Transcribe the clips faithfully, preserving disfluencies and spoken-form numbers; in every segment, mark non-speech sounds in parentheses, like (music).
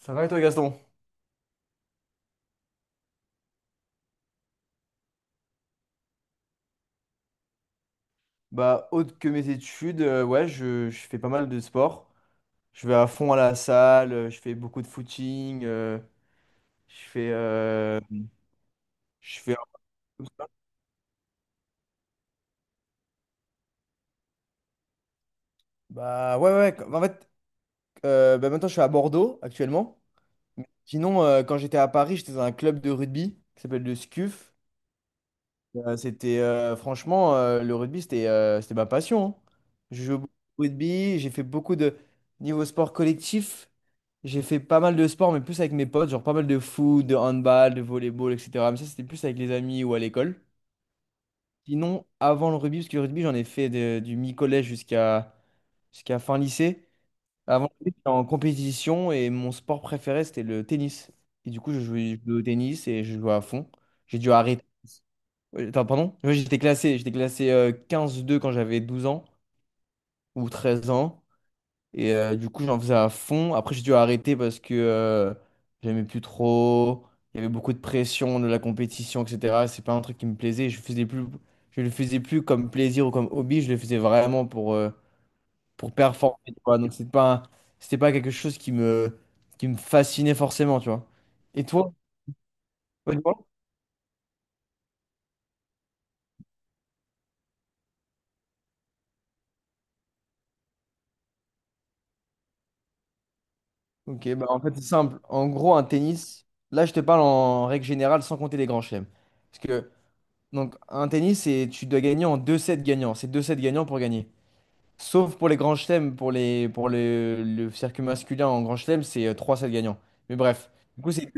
Ça va et toi Gaston? Bah autre que mes études, euh, ouais, je, je fais pas mal de sport. Je vais à fond à la salle, euh, je fais beaucoup de footing, euh, je fais, euh, je fais. Un peu de ça. Bah ouais ouais. ouais, En fait, euh, bah, maintenant je suis à Bordeaux actuellement. Sinon, euh, quand j'étais à Paris, j'étais dans un club de rugby qui s'appelle le SCUF. Euh, c'était euh, franchement euh, le rugby c'était euh, c'était ma passion, hein. J'ai joué beaucoup au rugby, j'ai fait beaucoup de niveau sport collectif. J'ai fait pas mal de sports mais plus avec mes potes, genre pas mal de foot, de handball, de volleyball, et cetera. Mais ça c'était plus avec les amis ou à l'école. Sinon, avant le rugby, parce que le rugby j'en ai fait de- du mi-collège jusqu'à jusqu'à fin lycée. Avant, le rugby, j'étais en compétition et mon sport préféré, c'était le tennis. Et du coup, je jouais, je jouais au tennis et je jouais à fond. J'ai dû arrêter. Oui, attends, pardon? Oui, j'étais classé, j'étais classé euh, quinze deux quand j'avais douze ans ou treize ans. Et euh, du coup, j'en faisais à fond. Après, j'ai dû arrêter parce que euh, j'aimais plus trop. Il y avait beaucoup de pression, de la compétition, et cetera. C'est pas un truc qui me plaisait. Je faisais plus, je le faisais plus comme plaisir ou comme hobby. Je le faisais vraiment pour, euh, pour performer, tu vois. Donc, c'est pas, un- c'était pas quelque chose qui me, qui me fascinait forcément, tu vois. Et toi? Ok, bah en fait c'est simple. En gros, un tennis, là je te parle en règle générale sans compter les grands chelems. Parce que donc un tennis, c'est tu dois gagner en deux sets gagnants. C'est deux sets gagnants pour gagner. Sauf pour les grands chelems, pour les pour le, le circuit masculin en grand chelem, c'est euh, trois sets gagnants. Mais bref, du coup c'est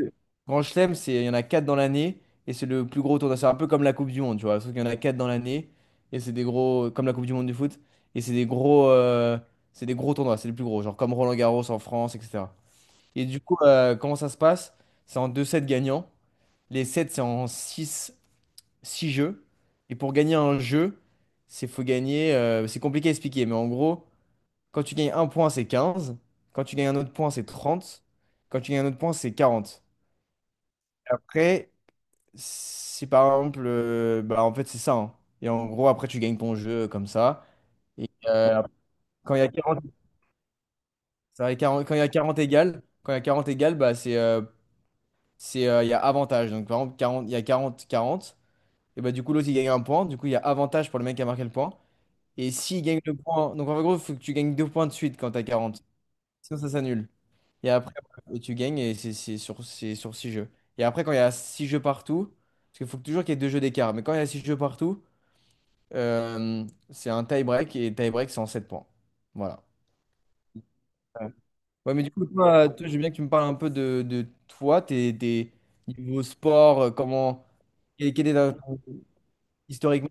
grand chelem, c'est il y en a quatre dans l'année et c'est le plus gros tournoi. C'est un peu comme la Coupe du Monde, tu vois. Sauf qu'il y en a quatre dans l'année et c'est des gros comme la Coupe du Monde du foot et c'est des gros euh, c'est des gros tournois. C'est les plus gros, genre comme Roland-Garros en France, et cetera. Et du coup, euh, comment ça se passe? C'est en deux sets gagnants. Les sets, c'est en six six jeux. Et pour gagner un jeu, c'est faut gagner, euh, c'est compliqué à expliquer, mais en gros, quand tu gagnes un point, c'est quinze. Quand tu gagnes un autre point, c'est trente. Quand tu gagnes un autre point, c'est quarante. Après, si par exemple, euh, bah, en fait, c'est ça, hein. Et en gros, après, tu gagnes ton jeu euh, comme ça. Et euh, quand il y a quarante, ça va, quarante quand il y a quarante égales, quand il y a quarante égales, bah, c'est euh, c'est euh, il y a avantage. Donc par exemple, quarante, il y a quarante quarante. Et bah du coup, l'autre il gagne un point. Du coup, il y a avantage pour le mec qui a marqué le point. Et s'il gagne le point. Donc en gros, il faut que tu gagnes deux points de suite quand t'as quarante. Sinon, ça s'annule. Et après, et tu gagnes et c'est c'est sur, c'est sur six jeux. Et après, quand il y a six jeux partout, parce qu'il faut toujours qu'il y ait deux jeux d'écart. Mais quand il y a six jeux partout, euh, c'est un tie-break. Et tie-break, c'est en sept points. Voilà. Ouais. Ouais, mais du coup, toi, toi, je veux bien que tu me parles un peu de, de toi, tes, tes niveaux sport, euh, comment. Quel quel est la- historiquement?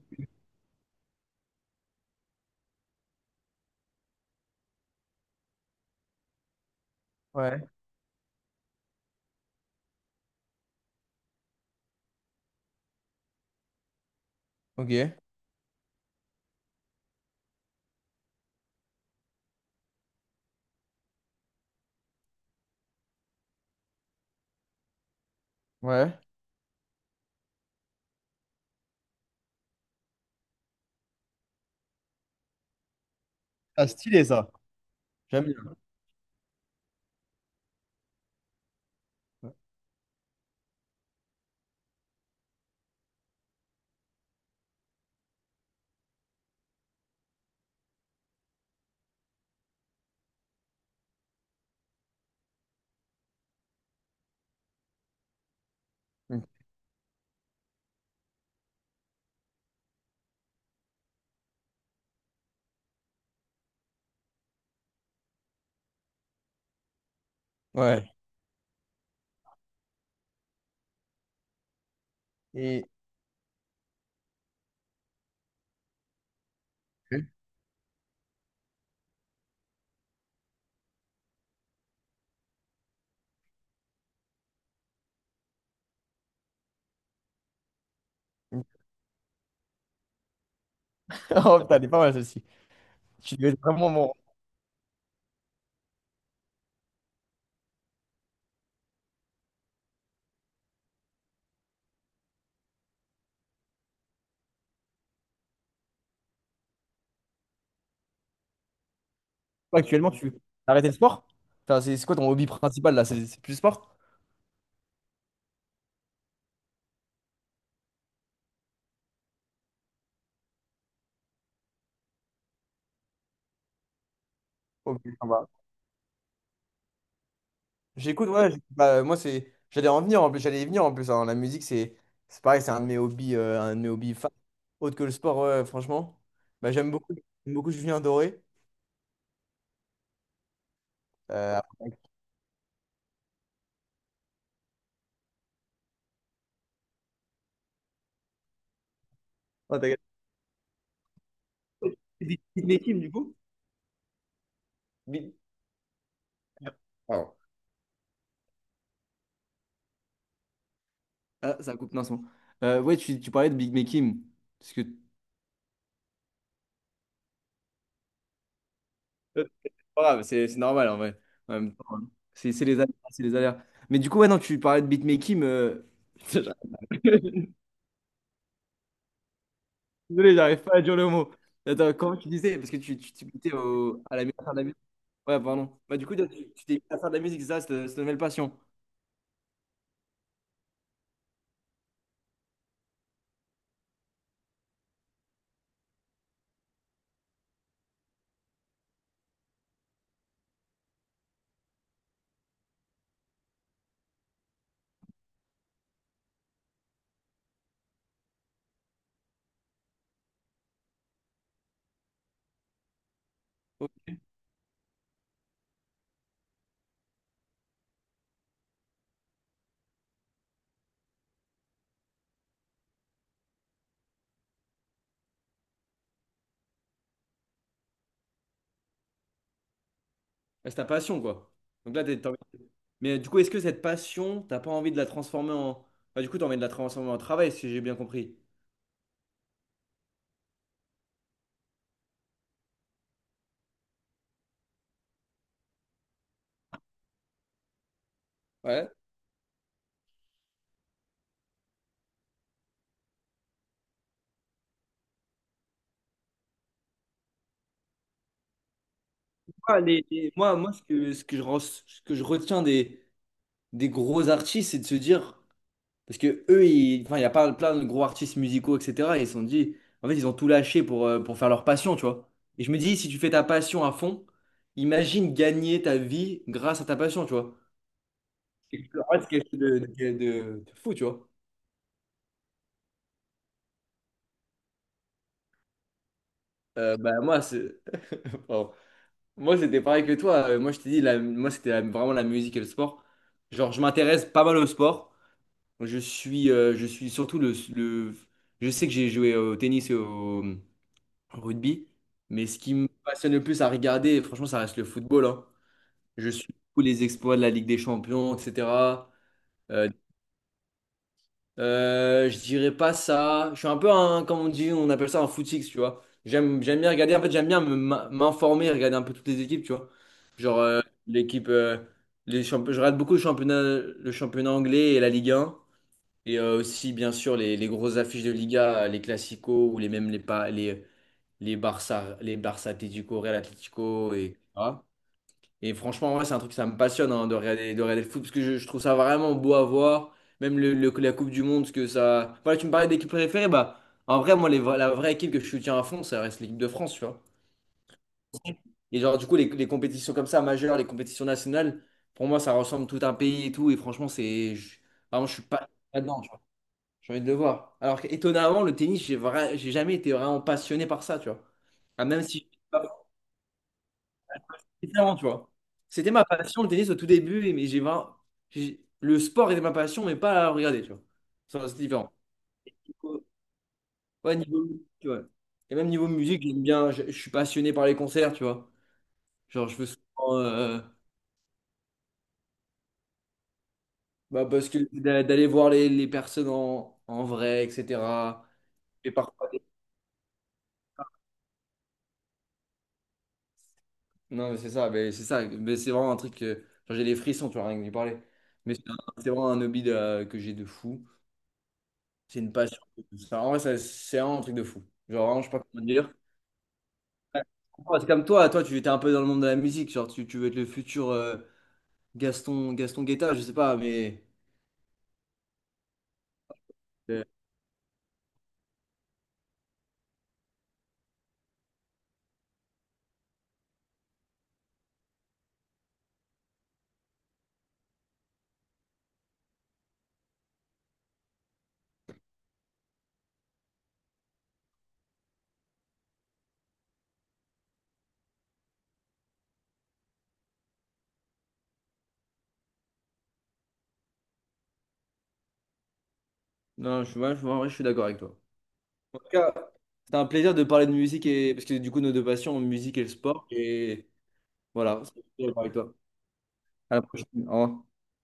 Ouais. Ok. Ouais. Ah, stylé ça. J'aime bien. Mm. Ouais. Et. Ok. Mm. (laughs) Oh putain, elle est pas mal celle-ci. Tu devais être vraiment bon. Toi, actuellement, tu as arrêté le sport? Enfin, c'est c'est quoi ton hobby principal là? C'est c'est plus le sport? Ok, ça va. J'écoute, ouais, j'écoute. Bah, moi, c'est. J'allais en venir en plus. J'allais y venir en plus, hein. La musique, c'est c'est pareil, c'est un de mes hobbies, euh, un de mes hobbies fa- autre que le sport, ouais, franchement. Bah, j'aime beaucoup, j'aime beaucoup Julien Doré. Euh, après- Oh, t'as- des petites métiers du coup? Bi- Pardon. Ah, ça coupe, non, c'est bon. Euh, ouais, tu, tu parlais de Big Mekim. Parce que. C'est pas grave, c'est c'est normal en vrai. En même temps, hein. c'est c'est les aléas, c'est les aléas. Mais du coup, ouais, non, tu parlais de Big Mekim, euh, (laughs) désolé, j'arrive pas à dire le mot. Attends, comment tu disais? Parce que tu tu t'es mis au... à la à faire de la musique. Ouais, pardon. Bah, du coup, toi, tu tu t'es mis à faire de la musique, c'est ça, c'est ta c'est ta nouvelle passion. Ok. Bah, c'est ta passion, quoi. Donc là, t'es- t'as envie. Mais euh, du coup, est-ce que cette passion, t'as pas envie de la transformer en. Bah, du coup, t'as envie de la transformer en travail, si j'ai bien compris. Ouais. Ah, les- les- moi, moi, ce que, ce que je, re- ce que je retiens des, des gros artistes, c'est de se dire, parce que eux, ils- enfin, il y a pas plein de gros artistes musicaux, et cetera. Et ils se sont dit, en fait, ils ont tout lâché pour, euh, pour faire leur passion, tu vois. Et je me dis, si tu fais ta passion à fond, imagine gagner ta vie grâce à ta passion, tu vois. Et que, En fait, c'est quelque chose de, de, de- de fou, tu vois. Euh, bah, moi, c'est- (laughs) pardon. Moi, c'était pareil que toi. Euh, Moi, je t'ai dit, la- moi, c'était la- vraiment la musique et le sport. Genre, je m'intéresse pas mal au sport. Je suis, euh, je suis surtout le, le- je sais que j'ai joué au tennis et au, au rugby, mais ce qui me passionne le plus à regarder, franchement, ça reste le football, hein. Je suis tous les exploits de la Ligue des Champions, et cetera. Euh, euh, je dirais pas ça. Je suis un peu un, comme on dit, on appelle ça un footix, tu vois. J'aime, j'aime bien regarder. En fait, j'aime bien me- m'informer, regarder un peu toutes les équipes, tu vois. Genre euh, l'équipe, euh, les champ- je regarde beaucoup le championnat, le championnat anglais et la Ligue un. Et euh, aussi, bien sûr, les, les grosses affiches de Liga, les Clasico ou les même les, pa- les, les Barça, les Barça Atlético, Real Atlético, et, etc. Et franchement, ouais, c'est un truc, ça me passionne hein, de regarder, de regarder le foot parce que je, je trouve ça vraiment beau à voir. Même le, le- la Coupe du Monde, parce que ça. Voilà, tu me parlais d'équipe préférée, bah, en vrai, moi, les, vra- la vraie équipe que je soutiens à fond, ça reste l'équipe de France, tu vois. Et genre, du coup, les, les compétitions comme ça, majeures, les compétitions nationales, pour moi, ça ressemble tout un pays et tout. Et franchement, c'est. je- vraiment, je suis pas là-dedans. J'ai envie de le voir. Alors étonnamment, le tennis, j'ai vra- j'ai jamais été vraiment passionné par ça, tu vois. Ah, même si j'étais pas différent, tu vois. C'était ma passion, le tennis, au tout début, et- mais j'ai vraiment... j'ai- le sport était ma passion, mais pas à regarder, tu vois. Ça, c'est différent. Ouais, niveau... tu vois. Et même niveau musique, j'aime bien, je, je suis passionné par les concerts, tu vois. Genre, je veux souvent... euh, bah, parce que d'a- d'aller voir les, les personnes en, en vrai, et cetera. Et parfois, Non, mais c'est ça, mais c'est ça. Mais c'est vraiment un truc que genre, j'ai des frissons, tu vois, rien que d'y parler. Mais c'est un- c'est vraiment un hobby de- euh, que j'ai de fou. C'est une passion. Ça, en vrai, ça- c'est vraiment un truc de fou. Genre, vraiment, je sais pas comment dire. Ouais. C'est comme toi, toi, tu étais un peu dans le monde de la musique. Genre, tu, tu veux être le futur euh, Gaston, Gaston Guetta, je sais pas, mais. euh, non, je, ouais, je- en vrai, je suis d'accord avec toi. En tout cas, c'était un plaisir de parler de musique et. Parce que du coup, nos deux passions, musique et le sport. Et voilà, c'était un plaisir de parler avec toi. À la prochaine. Au revoir.